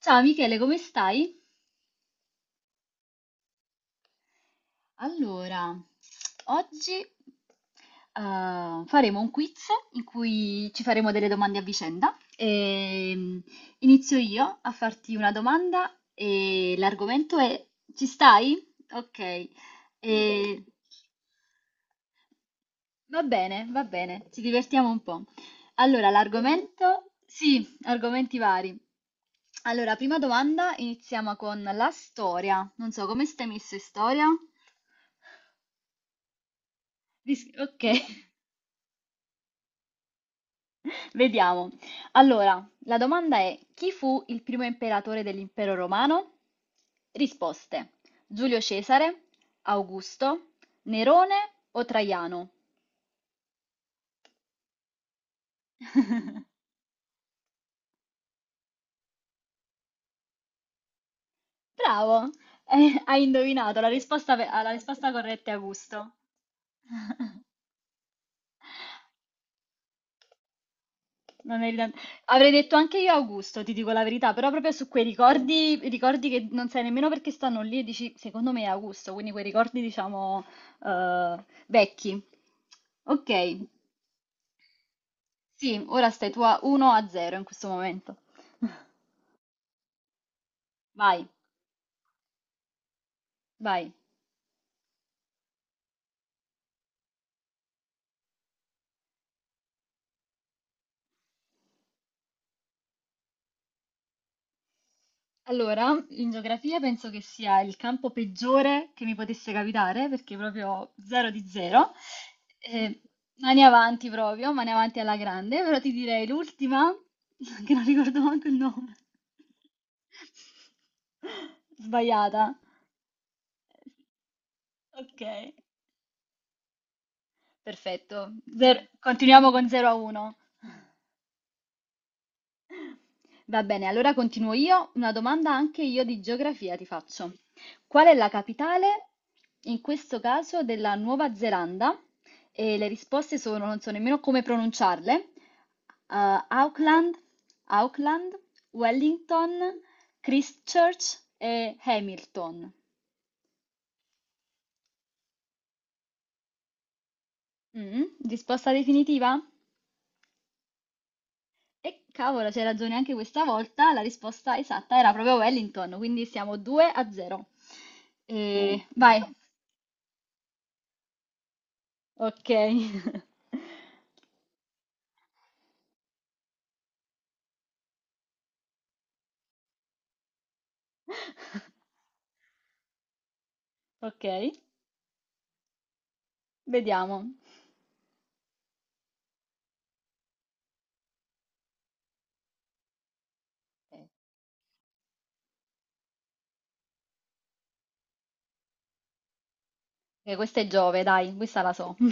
Ciao Michele, come stai? Allora, oggi faremo un quiz in cui ci faremo delle domande a vicenda. E, inizio io a farti una domanda e l'argomento è... Ci stai? Ok. Sì. E- va bene, ci divertiamo un po'. Allora, l'argomento? Sì, argomenti vari. Allora, prima domanda, iniziamo con la storia. Non so, come stai messo in storia? Ok, vediamo. Allora, la domanda è: chi fu il primo imperatore dell'impero romano? Risposte: Giulio Cesare, Augusto, Nerone o Traiano? Bravo, eh, hai indovinato, la risposta, la risposta corretta è Augusto. Non è evidente. Avrei detto anche io Augusto, ti dico la verità, però proprio su quei ricordi, ricordi che non sai nemmeno perché stanno lì e dici, secondo me è Augusto, quindi quei ricordi diciamo vecchi. Ok, sì, ora stai tu a 1 a 0 in questo momento. Vai, vai. Allora, in geografia penso che sia il campo peggiore che mi potesse capitare, perché proprio zero di zero. Eh, mani avanti proprio, mani avanti alla grande, però ti direi l'ultima, che non ricordo manco il nome. Sbagliata. Ok, perfetto. Continuiamo con 0 a 1. Va bene, allora continuo io. Una domanda anche io di geografia ti faccio. Qual è la capitale, in questo caso, della Nuova Zelanda? E le risposte sono, non so nemmeno come pronunciarle. Auckland, Auckland, Wellington, Christchurch e Hamilton. Mm, risposta definitiva? E cavolo, c'hai ragione anche questa volta, la risposta esatta era proprio Wellington, quindi siamo 2 a 0. Mm. E vai. Ok. Ok, vediamo. Questa è Giove, dai, questa la so.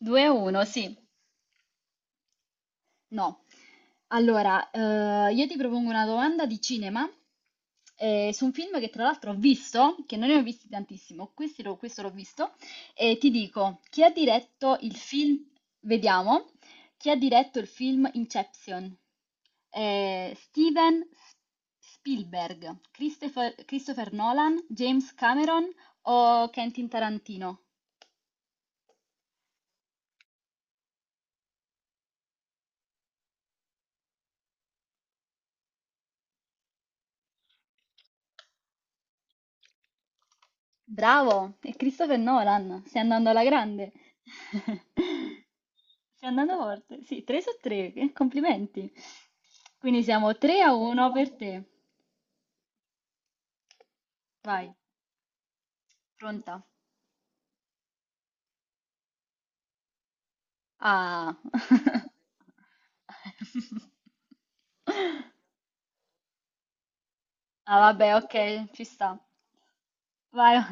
2 a 1, sì. No. Allora, io ti propongo una domanda di cinema su un film che tra l'altro ho visto, che non ne ho visti tantissimo, questo l'ho visto, e ti dico, chi ha diretto il film, vediamo, chi ha diretto il film Inception? Eh, Steven S- Spielberg, Christopher Nolan, James Cameron o Quentin Tarantino? Bravo, è Christopher Nolan, stai andando alla grande. Stai andando forte. Sì, 3 su 3, complimenti. Quindi siamo 3 a 1 per te. Vai, pronta. Ah. Ah, vabbè, ok, ci sta. Vai.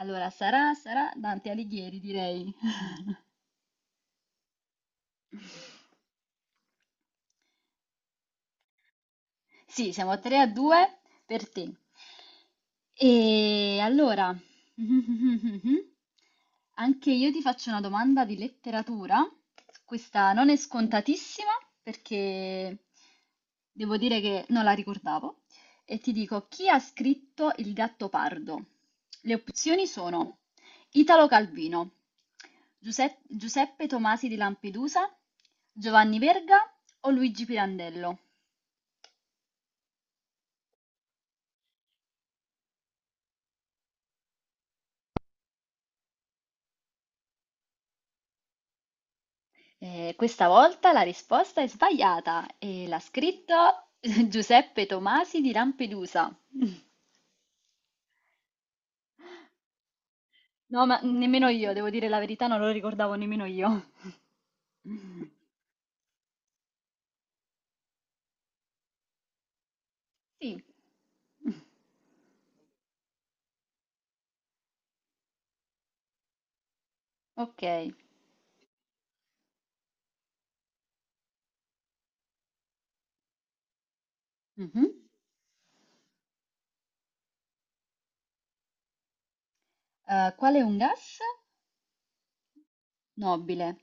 Allora, sarà Dante Alighieri, direi. Sì, siamo 3 a 2 per te. E allora, anche io ti faccio una domanda di letteratura. Questa non è scontatissima perché devo dire che non la ricordavo. E ti dico, chi ha scritto Il gatto pardo? Le opzioni sono Italo Calvino, Giuseppe Tomasi di Lampedusa, Giovanni Verga o Luigi Pirandello? Questa volta la risposta è sbagliata e l'ha scritto Giuseppe Tomasi di Lampedusa. No, ma nemmeno io, devo dire la verità, non lo ricordavo nemmeno io. Sì. Ok. Mhm. Qual è un gas nobile?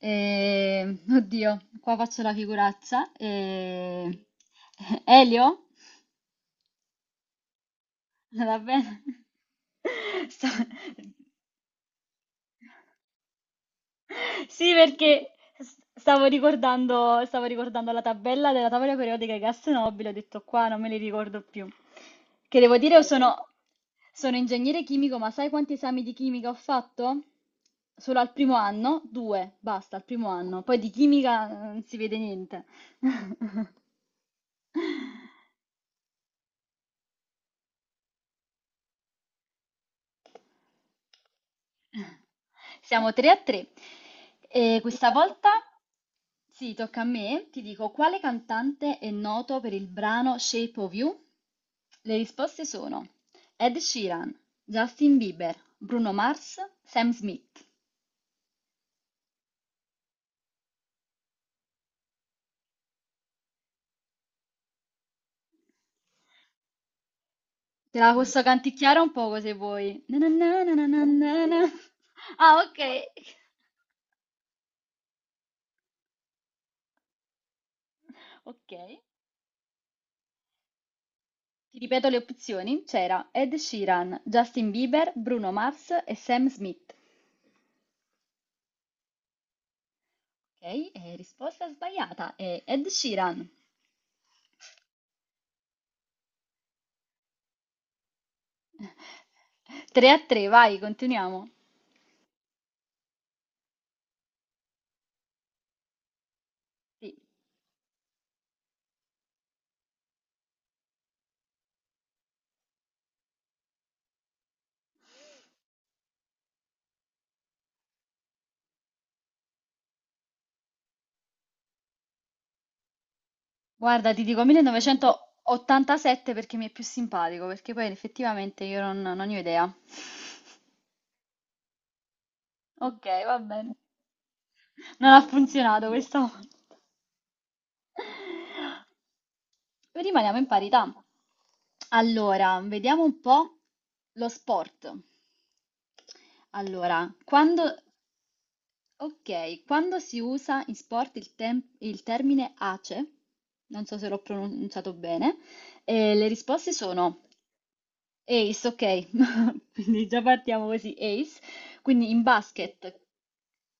Oddio, qua faccio la figuraccia. Elio? Va bene. Sta- Sì, perché stavo ricordando la tabella della tavola periodica di gas nobili, ho detto qua non me li ricordo più. Che devo dire, io sono ingegnere chimico, ma sai quanti esami di chimica ho fatto? Solo al primo anno? Due, basta, al primo anno. Poi di chimica non si vede niente. Siamo 3 a 3 e questa volta sì, tocca a me. Ti dico quale cantante è noto per il brano Shape of You? Le risposte sono Ed Sheeran, Justin Bieber, Bruno Mars, Sam Smith. Te la posso canticchiare un poco se vuoi. Na na na na na na na na. Ah, ok. Ok. Ti ripeto le opzioni. C'era Ed Sheeran, Justin Bieber, Bruno Mars e Sam Smith. Ok, risposta sbagliata, è Ed Sheeran. 3 a 3, vai, continuiamo. Sì. Guarda, ti dico 1987 perché mi è più simpatico, perché poi effettivamente io non ne ho idea. Ok, va bene. Non ha funzionato questa volta. Rimaniamo in parità. Allora, vediamo un po' lo sport. Allora, quando Ok, quando si usa in sport il termine ACE, non so se l'ho pronunciato bene, le risposte sono ace, ok, quindi già partiamo così, ace, quindi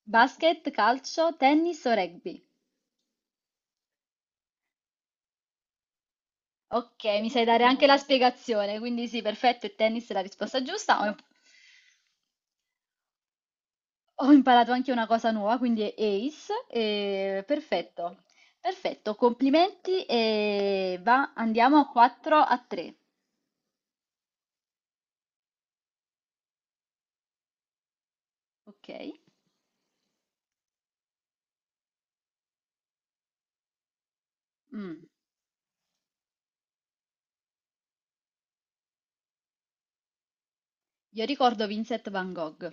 basket, calcio, tennis o rugby. Ok, mi sai dare anche la spiegazione, quindi sì, perfetto, il tennis è la risposta giusta. Ho imparato anche una cosa nuova, quindi è ace, e perfetto, perfetto, complimenti e va, andiamo a 4 a 3, ok? Mm. Io ricordo Vincent Van Gogh.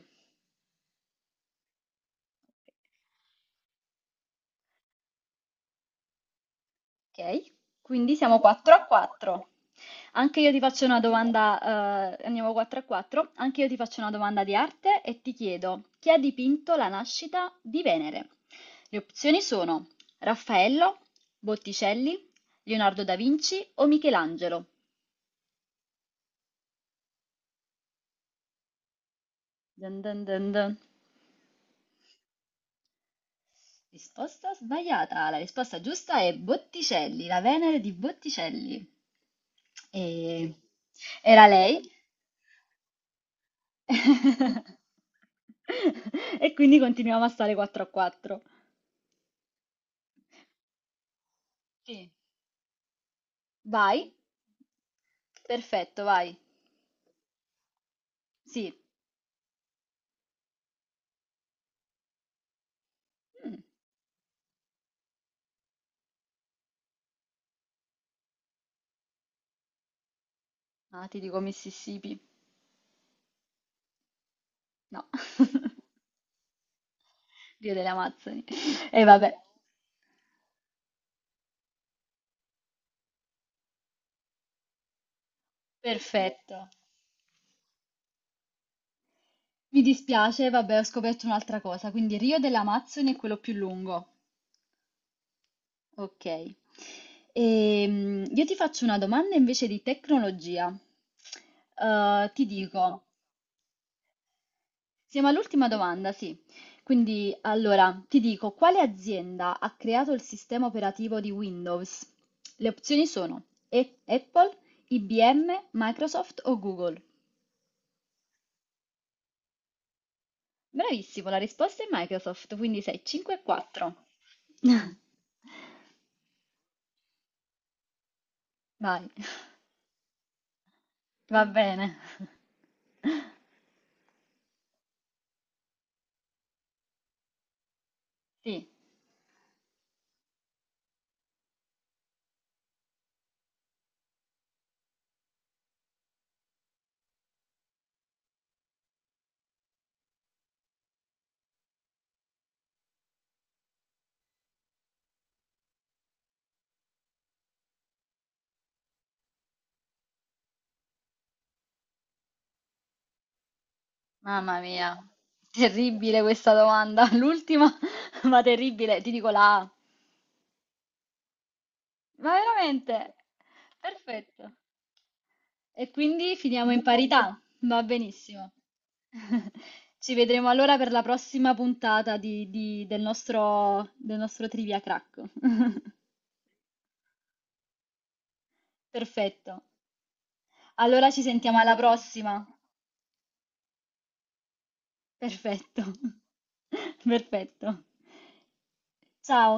Ok, quindi siamo 4 a 4. Anche io ti faccio una domanda, andiamo 4 a 4. Anche io ti faccio una domanda di arte e ti chiedo chi ha dipinto la nascita di Venere? Le opzioni sono Raffaello, Botticelli, Leonardo da Vinci o Michelangelo. Dun dun dun dun. Risposta sbagliata. La risposta giusta è Botticelli, la Venere di Botticelli. E- Era lei? E quindi continuiamo a stare 4 a 4. Sì, vai, perfetto, vai. Sì. Mm. Ah, ti dico Mississippi. No, Rio delle Amazzoni. E vabbè, perfetto. Mi dispiace, vabbè, ho scoperto un'altra cosa. Quindi Rio delle Amazzoni è quello più lungo. Ok. Io ti faccio una domanda invece di tecnologia. Eh, ti dico, Siamo all'ultima domanda, sì. Quindi, allora, ti dico, quale azienda ha creato il sistema operativo di Windows? Le opzioni sono Apple, IBM, Microsoft o Google. Bravissimo, la risposta è Microsoft, quindi sei 5 e 4. Vai, va bene. Sì, mamma mia, terribile questa domanda, l'ultima, ma terribile, ti dico la A. Ma veramente? Perfetto. E quindi finiamo in parità. Va benissimo. Ci vedremo allora per la prossima puntata del nostro Trivia Crack. Perfetto. Allora ci sentiamo alla prossima. Perfetto. Perfetto. Ciao.